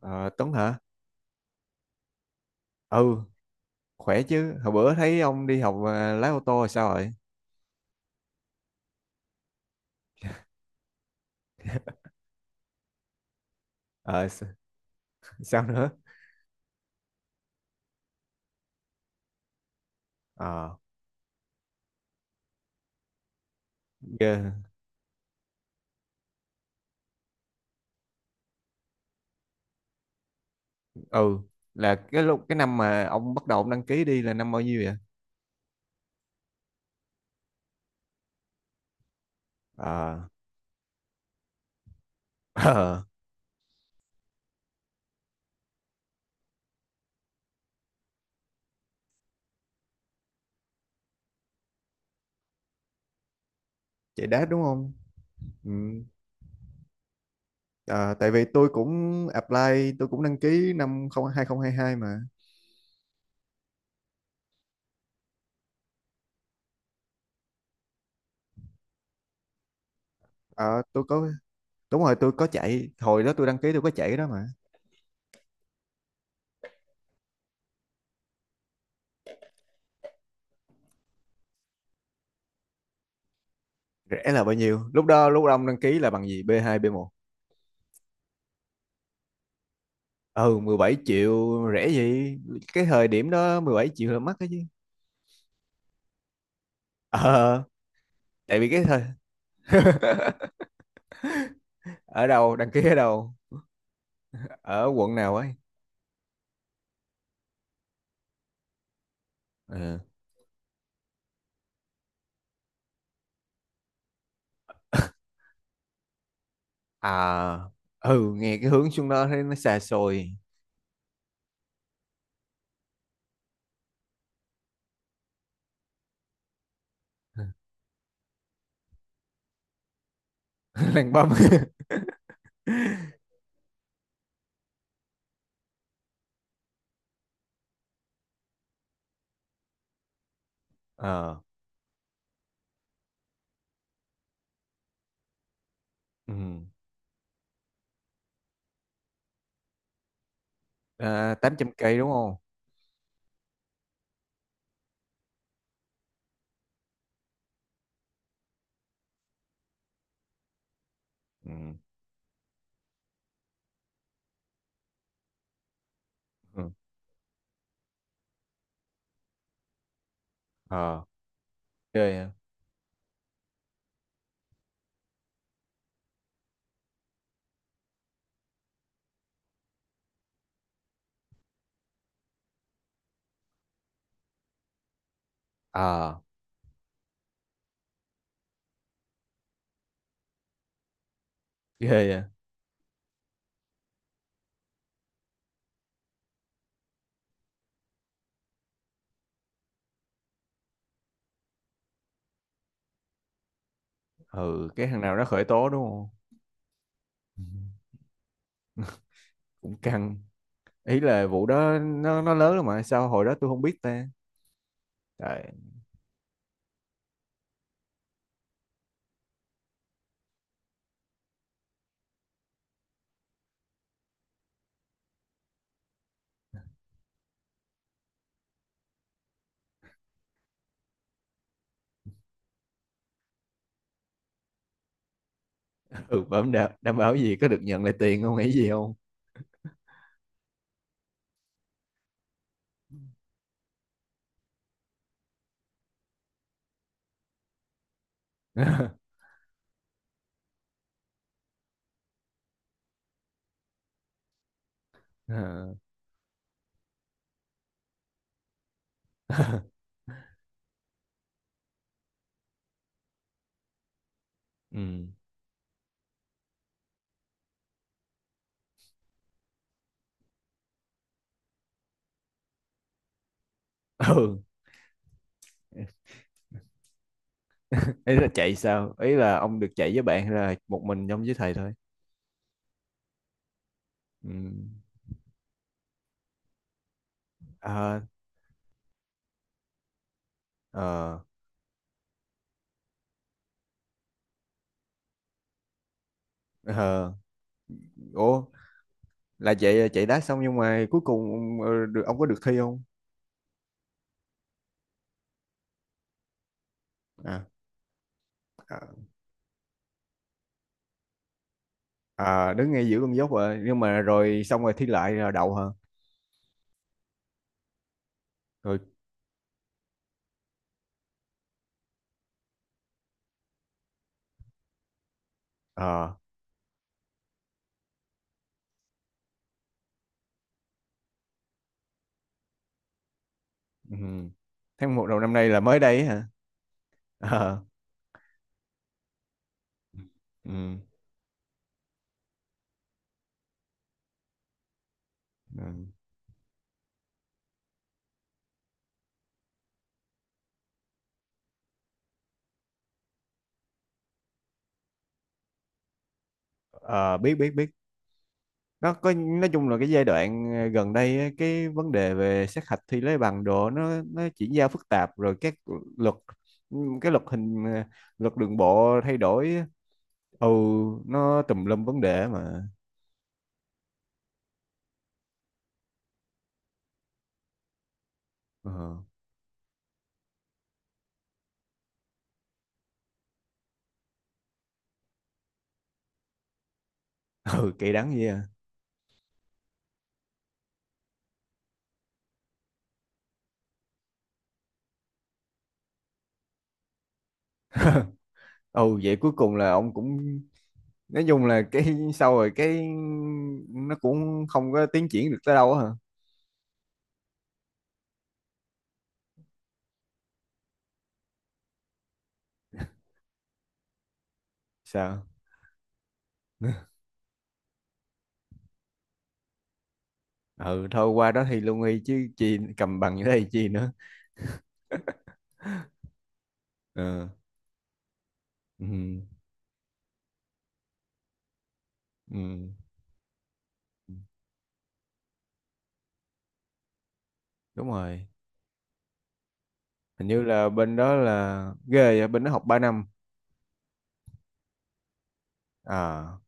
Ờ, Tuấn hả? Ừ, khỏe chứ. Hồi bữa thấy ông đi học à, lái ô tô rồi sao rồi? Ờ, sao nữa? Ờ, ghê. Ừ, là cái lúc cái năm mà ông bắt đầu ông đăng ký đi là năm bao nhiêu vậy? Ờ, ờ, chạy đát đúng không? Ừ. Ờ, tại vì tôi cũng apply, tôi cũng đăng ký năm 0 2022 mà. Ờ, tôi có, đúng rồi, tôi có chạy. Hồi đó tôi đăng ký tôi có chạy cái đó mà. Rẻ là bao nhiêu? Lúc đó, lúc ông đăng ký là bằng gì? B2, B1? Ừ, 17 triệu rẻ gì. Cái thời điểm đó 17 triệu là mắc đó chứ. Ờ. Tại vì cái thời. Ở đâu đăng ký, ở đâu, ở quận nào ấy? Ừ. À. Ừ, nghe cái hướng xuống đó thấy nó xa xôi. Lăn băm. Ờ. Ừ. À, 800 cây đúng không? Ừ. Ừ. Ờ. Ghê vậy. Ờ. Ghê vậy. Ừ, cái thằng nào nó khởi tố đúng không? Ừ. Cũng căng. Ý là vụ đó nó lớn lắm mà sao hồi đó tôi không biết ta. Trời. Ừ, đảm bảo gì có được nhận lại tiền không, nghĩ gì không? Ờ. ừ ừ, ý là chạy sao, ý là ông được chạy với bạn hay là một mình trong với thầy thôi? Ừ. Ờ. Ờ. Ờ. Ủa, là chạy chạy đá xong nhưng mà cuối cùng được, ông có được thi không? À. à, à, đứng ngay giữa con dốc rồi nhưng mà rồi xong rồi thi lại rồi đậu hả? Rồi. Ờ. Ừ. Tháng một đầu năm nay là mới đây ấy hả? Ờ. Ừ. Ừ. Ờ, biết biết biết. Nó có, nói chung là cái giai đoạn gần đây á, cái vấn đề về sát hạch thi lấy bằng đồ nó chuyển giao phức tạp, rồi các luật, cái luật hình ờ, luật đường bộ thay đổi á. Ừ. Nó tùm lum vấn đề mà. Ờ. Ừ, kỳ đắng gì à. Ừ, vậy cuối cùng là ông cũng nói chung là cái sau rồi cái nó cũng không có tiến triển được tới đâu á hả? Sao? Ừ, thôi qua đó thi lương y chứ chi, cầm bằng như thế thì chi nữa. Ừ. Ừ. Ừ. Đúng rồi. Hình như là bên đó là ghê vậy, bên đó học 3 năm. À,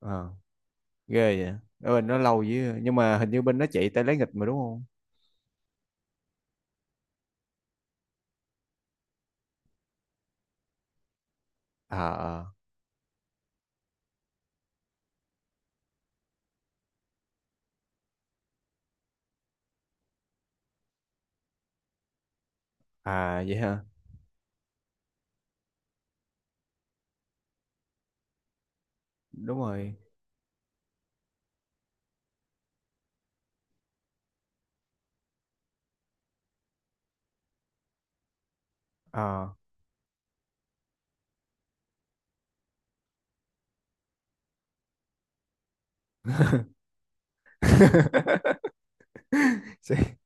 à. Ghê vậy. Ở bên đó lâu với, nhưng mà hình như bên đó chạy tay lấy nghịch mà đúng không? À. À. À, vậy hả? Đúng rồi. À. Sẽ-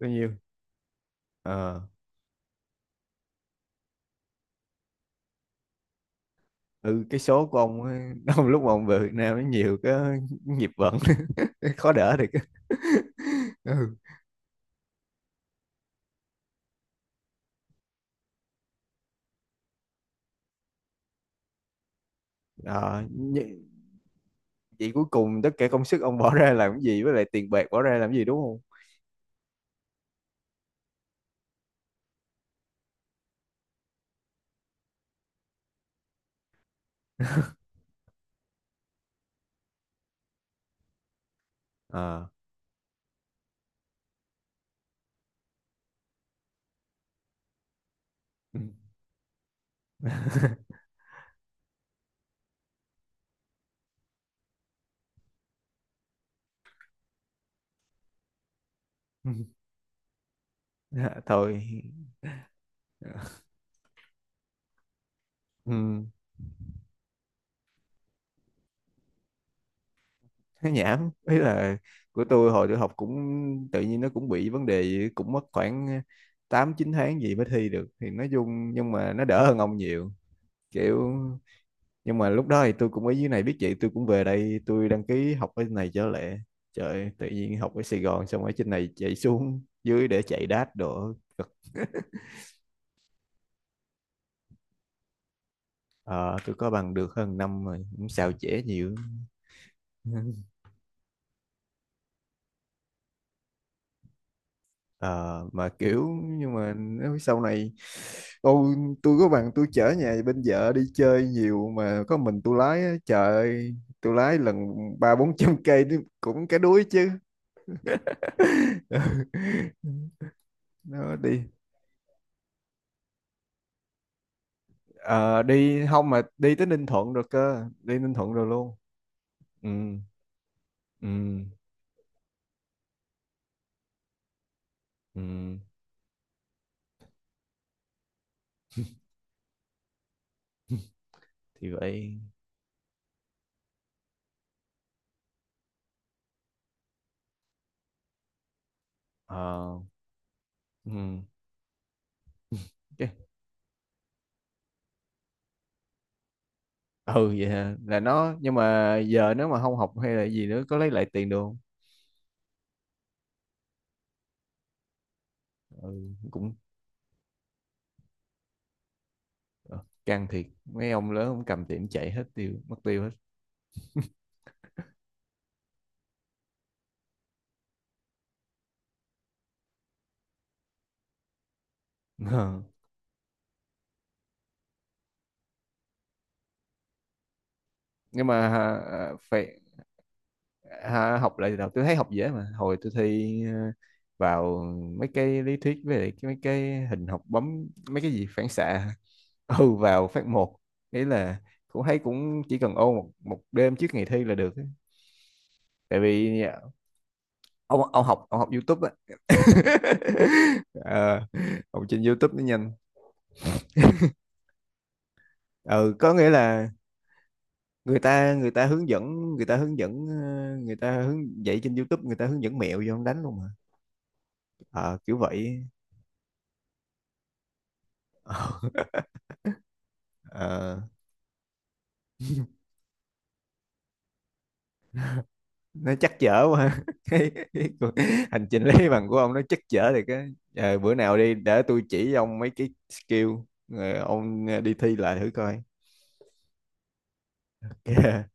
bao nhiêu? Ờ. Ừ, cái số của ông ấy, ông lúc mà ông về Việt Nam nó nhiều cái nghiệp vận. Khó đỡ được. Ừ. Ờ, vậy cuối cùng tất cả công sức ông bỏ ra làm cái gì, với lại tiền bạc bỏ ra làm cái gì đúng không? Ờ. Dạ, thôi. Ừ. Nó nhảm, ý là của tôi, hồi tôi học cũng tự nhiên nó cũng bị vấn đề gì, cũng mất khoảng 8 9 tháng gì mới thi được thì nói chung, nhưng mà nó đỡ hơn ông nhiều, kiểu. Nhưng mà lúc đó thì tôi cũng ở dưới này, biết vậy tôi cũng về đây tôi đăng ký học ở này trở lại. Trời, tự nhiên học ở Sài Gòn xong ở trên này chạy xuống dưới để chạy đát đồ. Ờ, tôi có bằng được hơn năm rồi cũng xào trễ nhiều. Ờ, mà kiểu nhưng mà nếu sau này tôi tôi có bằng tôi chở nhà bên vợ đi chơi nhiều mà có mình tôi lái á, trời ơi, tôi lái lần ba bốn trăm cây cũng cái đuối chứ. Nó đi. Ờ, đi không mà đi tới Ninh Thuận rồi cơ, đi Ninh Thuận rồi luôn. Ừ. Ừ. Ừ. Thì vậy. Ờ, ừ. Ừ, vậy hả? Là nó, nhưng mà giờ nếu mà không học hay là gì nữa có lấy lại tiền được không? Ừ, cũng ờ, căng thiệt, mấy ông lớn cũng cầm tiền chạy hết, tiêu mất tiêu hết. Ờ. Nhưng mà phải học lại từ đầu, tôi thấy học dễ mà, hồi tôi thi vào mấy cái lý thuyết với lại mấy cái hình học bấm mấy cái gì phản xạ ừ vào phát một. Ý là cũng thấy cũng chỉ cần ôn một đêm trước ngày thi là được ấy. Tại vì ông học YouTube á. Ờ, học trên YouTube nó nhanh. Ừ, có nghĩa là người ta người ta hướng dẫn người ta hướng dẫn, người ta hướng dạy trên YouTube, người ta hướng dẫn mẹo vô không đánh luôn mà. Ờ, kiểu vậy. Ờ, ờ, nó chắc chở quá, cái cuộc hành trình lấy bằng của ông nó chắc chở thì cái bữa nào đi để tôi chỉ ông mấy cái skill rồi ông đi thi lại thử coi. Ok.